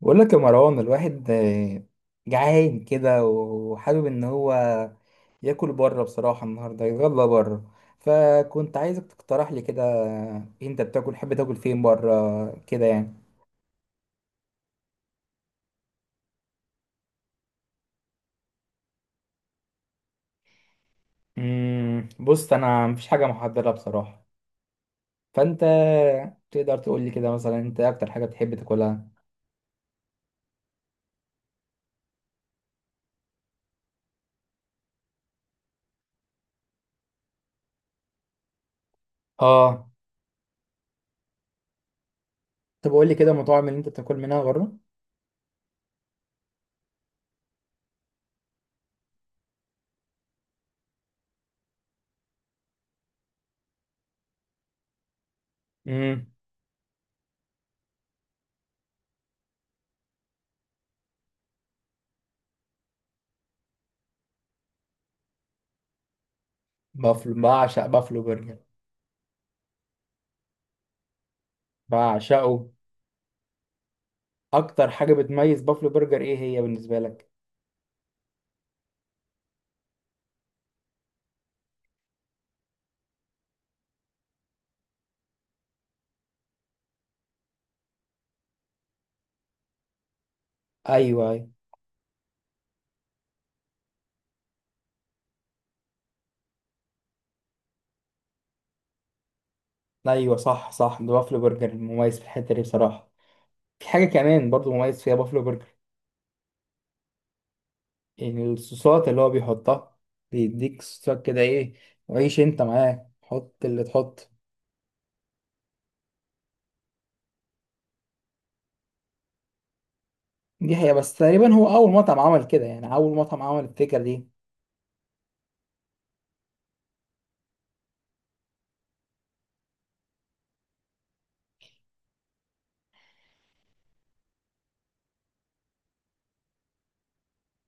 بقول لك يا مروان، الواحد جعان كده وحابب ان هو ياكل بره، بصراحة النهاردة يتغدى بره. فكنت عايزك تقترح لي كده، انت بتاكل تحب تاكل فين بره كده يعني. بص، انا مفيش حاجة محددة بصراحة. فانت تقدر تقول لي كده مثلا، انت اكتر حاجة بتحب تاكلها؟ اه، طب قول لي كده المطاعم اللي انت بتاكل منها بره. امم بعشق بافلو برجر، بعشقه. اكتر حاجة بتميز بافلو برجر ايه هي بالنسبة لك؟ ايوه، ايوه. ايوه صح، صح. ده بافلو برجر مميز في الحته دي بصراحه. في حاجه كمان برضو مميز فيها بافلو برجر. يعني الصوصات اللي هو بيحطها، بيديك صوصات كده ايه، وعيش انت معاه حط اللي تحط. دي حقيقه، بس تقريبا هو اول مطعم عمل كده، يعني اول مطعم عمل الفكره دي.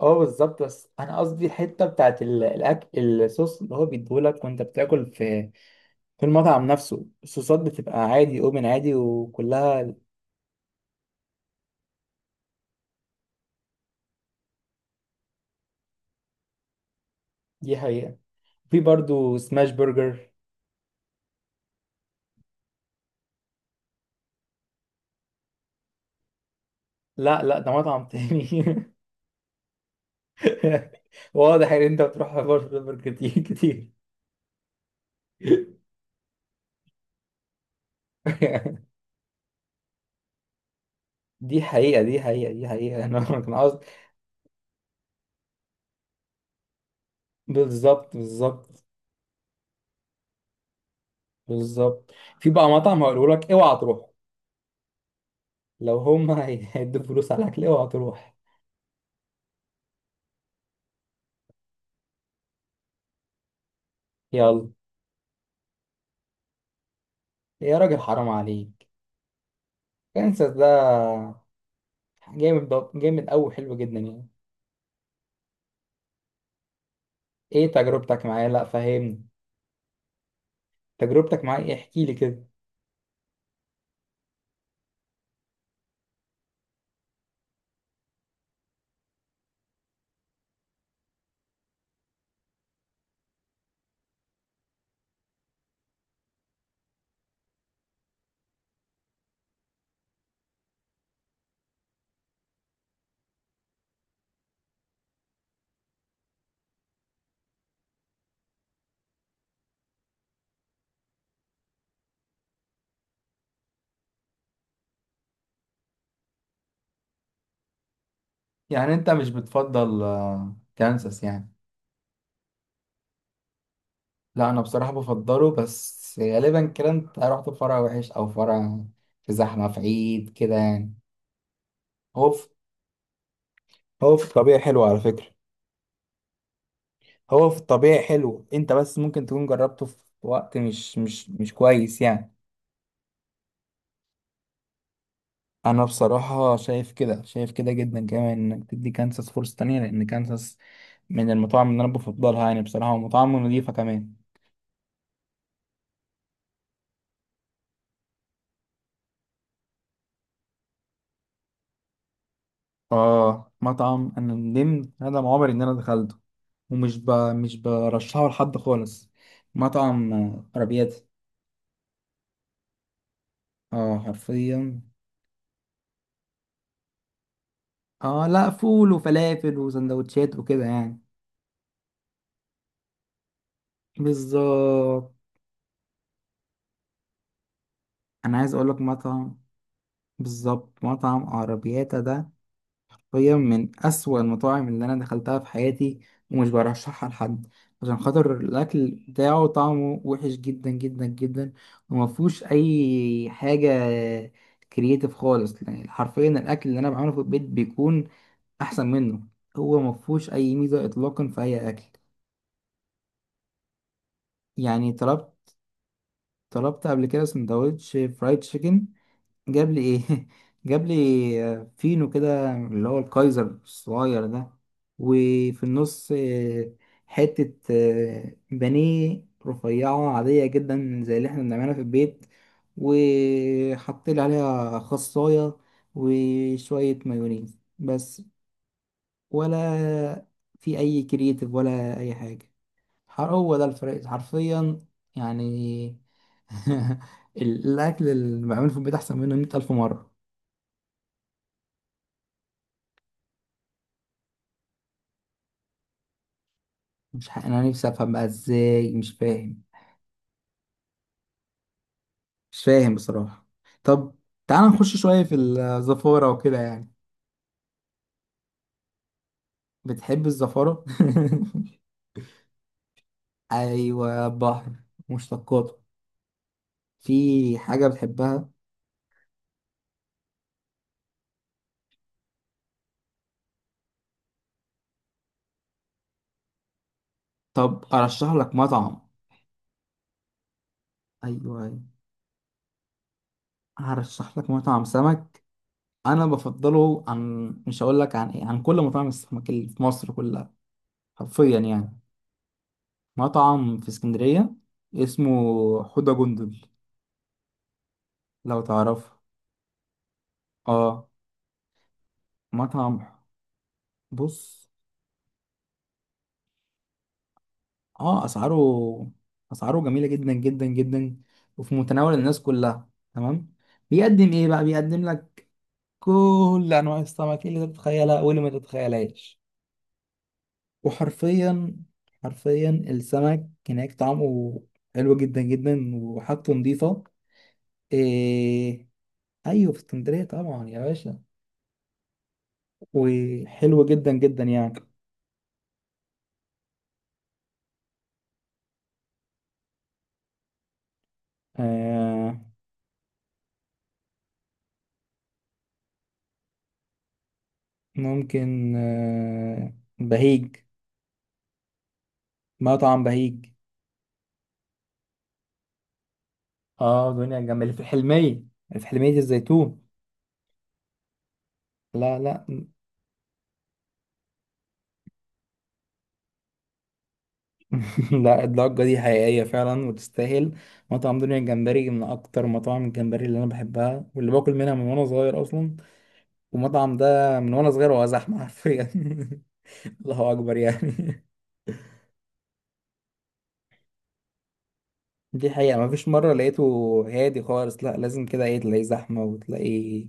اه بالظبط، بس انا قصدي الحته بتاعت الاكل، الصوص اللي هو بيديهولك وانت بتاكل في المطعم نفسه، الصوصات بتبقى عادي، اوبن عادي وكلها. دي حقيقه. في برضو سماش برجر. لا، لا، ده مطعم تاني. واضح ان انت بتروح برجر كتير كتير. دي حقيقة، دي حقيقة، دي حقيقة، انا كان قصدي. بالظبط، بالظبط، بالظبط. في بقى مطعم هقوله لك اوعى تروح. لو هم هيدوا فلوس على الاكل، اوعى تروح. يلا يا راجل، حرام عليك. كانساس ده جامد، جامد قوي، حلو جدا يعني. ايه تجربتك معاه؟ لا، فهمني. تجربتك معاه ايه احكي لي كده. يعني انت مش بتفضل كانساس يعني؟ لا، انا بصراحه بفضله. بس غالبا كده انت رحت في فرع وحش، او فرع في زحمه في عيد كده يعني. هو في هو في الطبيعي حلو على فكرة. هو في الطبيعي حلو، انت بس ممكن تكون جربته في وقت مش كويس يعني. انا بصراحة شايف كده، شايف كده جدا كمان، انك تدي كانساس فرصة تانية لان كانساس من المطاعم اللي انا بفضلها يعني بصراحة، ومطاعم نظيفة كمان. اه، مطعم انا ندمت ندم عمري ان انا دخلته. ومش ب... مش برشحه لحد خالص. مطعم عربيات. اه حرفيا. اه، لا، فول وفلافل وسندوتشات وكده يعني. بالظبط. انا عايز اقول لك مطعم. بالظبط، مطعم عربياتا ده حرفيا من اسوأ المطاعم اللي انا دخلتها في حياتي. ومش برشحها لحد، عشان خاطر الاكل بتاعه طعمه وحش جدا جدا جدا. وما فيهوش اي حاجه كرييتيف خالص، يعني حرفيا الاكل اللي انا بعمله في البيت بيكون احسن منه. هو ما فيهوش اي ميزه اطلاقا في اي اكل. يعني طلبت قبل كده سندوتش فرايد تشيكن. جاب لي ايه، جاب لي فينو كده اللي هو الكايزر الصغير ده. وفي النص، حته بانيه رفيعه عاديه جدا زي اللي احنا بنعملها في البيت. وحط لي عليها خصايه، وشويه مايونيز بس. ولا في اي كرياتيف ولا اي حاجه. هو ده الفرق حرفيا يعني. الأكل اللي بعمله في البيت أحسن منه مية ألف مرة. مش ح... أنا نفسي أفهم بقى إزاي، مش فاهم. مش فاهم بصراحة. طب، تعال نخش شوية في الزفارة وكده يعني. بتحب الزفارة؟ أيوة، بحر مشتقاته. في حاجة بتحبها؟ طب أرشح لك مطعم. أيوة، أيوة. هرشح لك مطعم سمك. أنا بفضله عن، مش هقول لك عن إيه، عن كل مطاعم السمك اللي في مصر كلها. حرفيا يعني. مطعم في اسكندرية، اسمه حوضة جندل. لو تعرفه. اه مطعم. بص، اه اسعاره، اسعاره جميلة جدا جدا جدا، وفي متناول الناس كلها. تمام. بيقدم ايه بقى؟ بيقدم لك كل انواع السمك اللي تتخيلها واللي ما تتخيلهاش. وحرفيا، حرفيا السمك هناك طعمه حلو جدا جدا، وحاجته نظيفة. إيه... ايوه في اسكندرية طبعا يا باشا، وحلو جدا جدا يعني. آه، ممكن، بهيج. مطعم بهيج. اه، دنيا الجنب اللي في الحلمية، في حلمية الزيتون. لا، لا. لا، الضجة دي حقيقية فعلا وتستاهل. مطعم دنيا الجمبري من أكتر مطاعم الجمبري اللي أنا بحبها واللي باكل منها من وأنا صغير أصلا. والمطعم ده من وأنا صغير وهو زحمة حرفيا. الله أكبر يعني. دي حقيقة، مفيش مرة لقيته هادي خالص. لا، لازم كده، ايه، تلاقي زحمة وتلاقي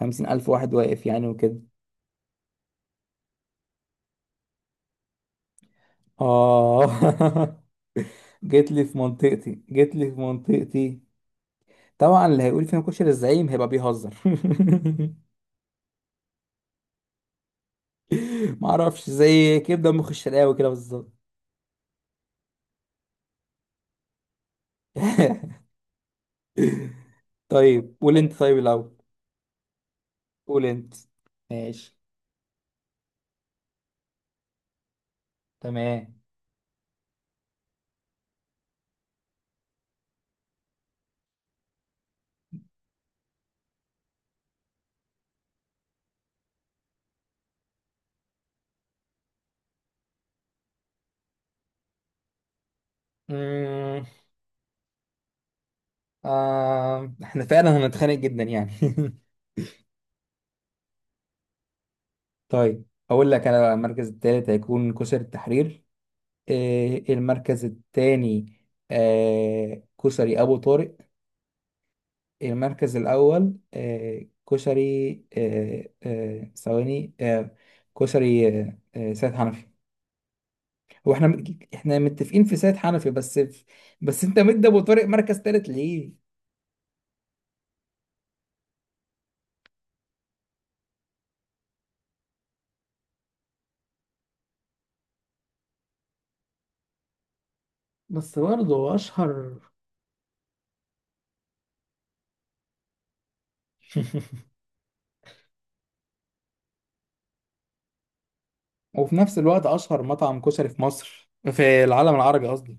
50,000 واحد واقف يعني وكده. آه. جيت لي في منطقتي، جيت لي في منطقتي. طبعا اللي هيقول فينا كشري الزعيم هيبقى بيهزر. معرفش، زي كبدة مخ الشرقاوي كده بالظبط. طيب قول انت. طيب الأول قول انت. ماشي، تمام. مم. آه. احنا فعلا هنتخانق جدا يعني. طيب، اقول لك انا بقى. المركز الثالث هيكون كسر التحرير. المركز الثاني كسري ابو طارق. المركز الاول، كسري، ثواني، كسري، سيد حنفي. هو احنا متفقين في سيد حنفي بس. بس انت مدي ابو طارق مركز ثالث ليه؟ بس برضه اشهر. وفي نفس الوقت اشهر مطعم كشري في مصر، في العالم العربي قصدي.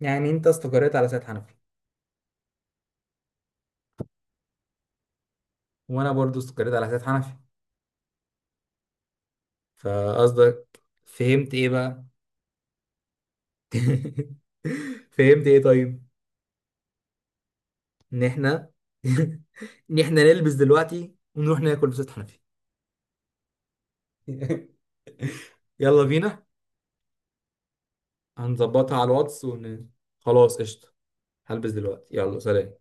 يعني انت استقريت على سيد حنفي. وانا برضو استقريت على حساب حنفي. فقصدك فهمت ايه بقى؟ فهمت ايه طيب؟ ان احنا ان احنا نلبس دلوقتي ونروح ناكل في ست حنفي. يلا بينا. هنظبطها على الواتس خلاص قشطة. هلبس دلوقتي، يلا، سلام.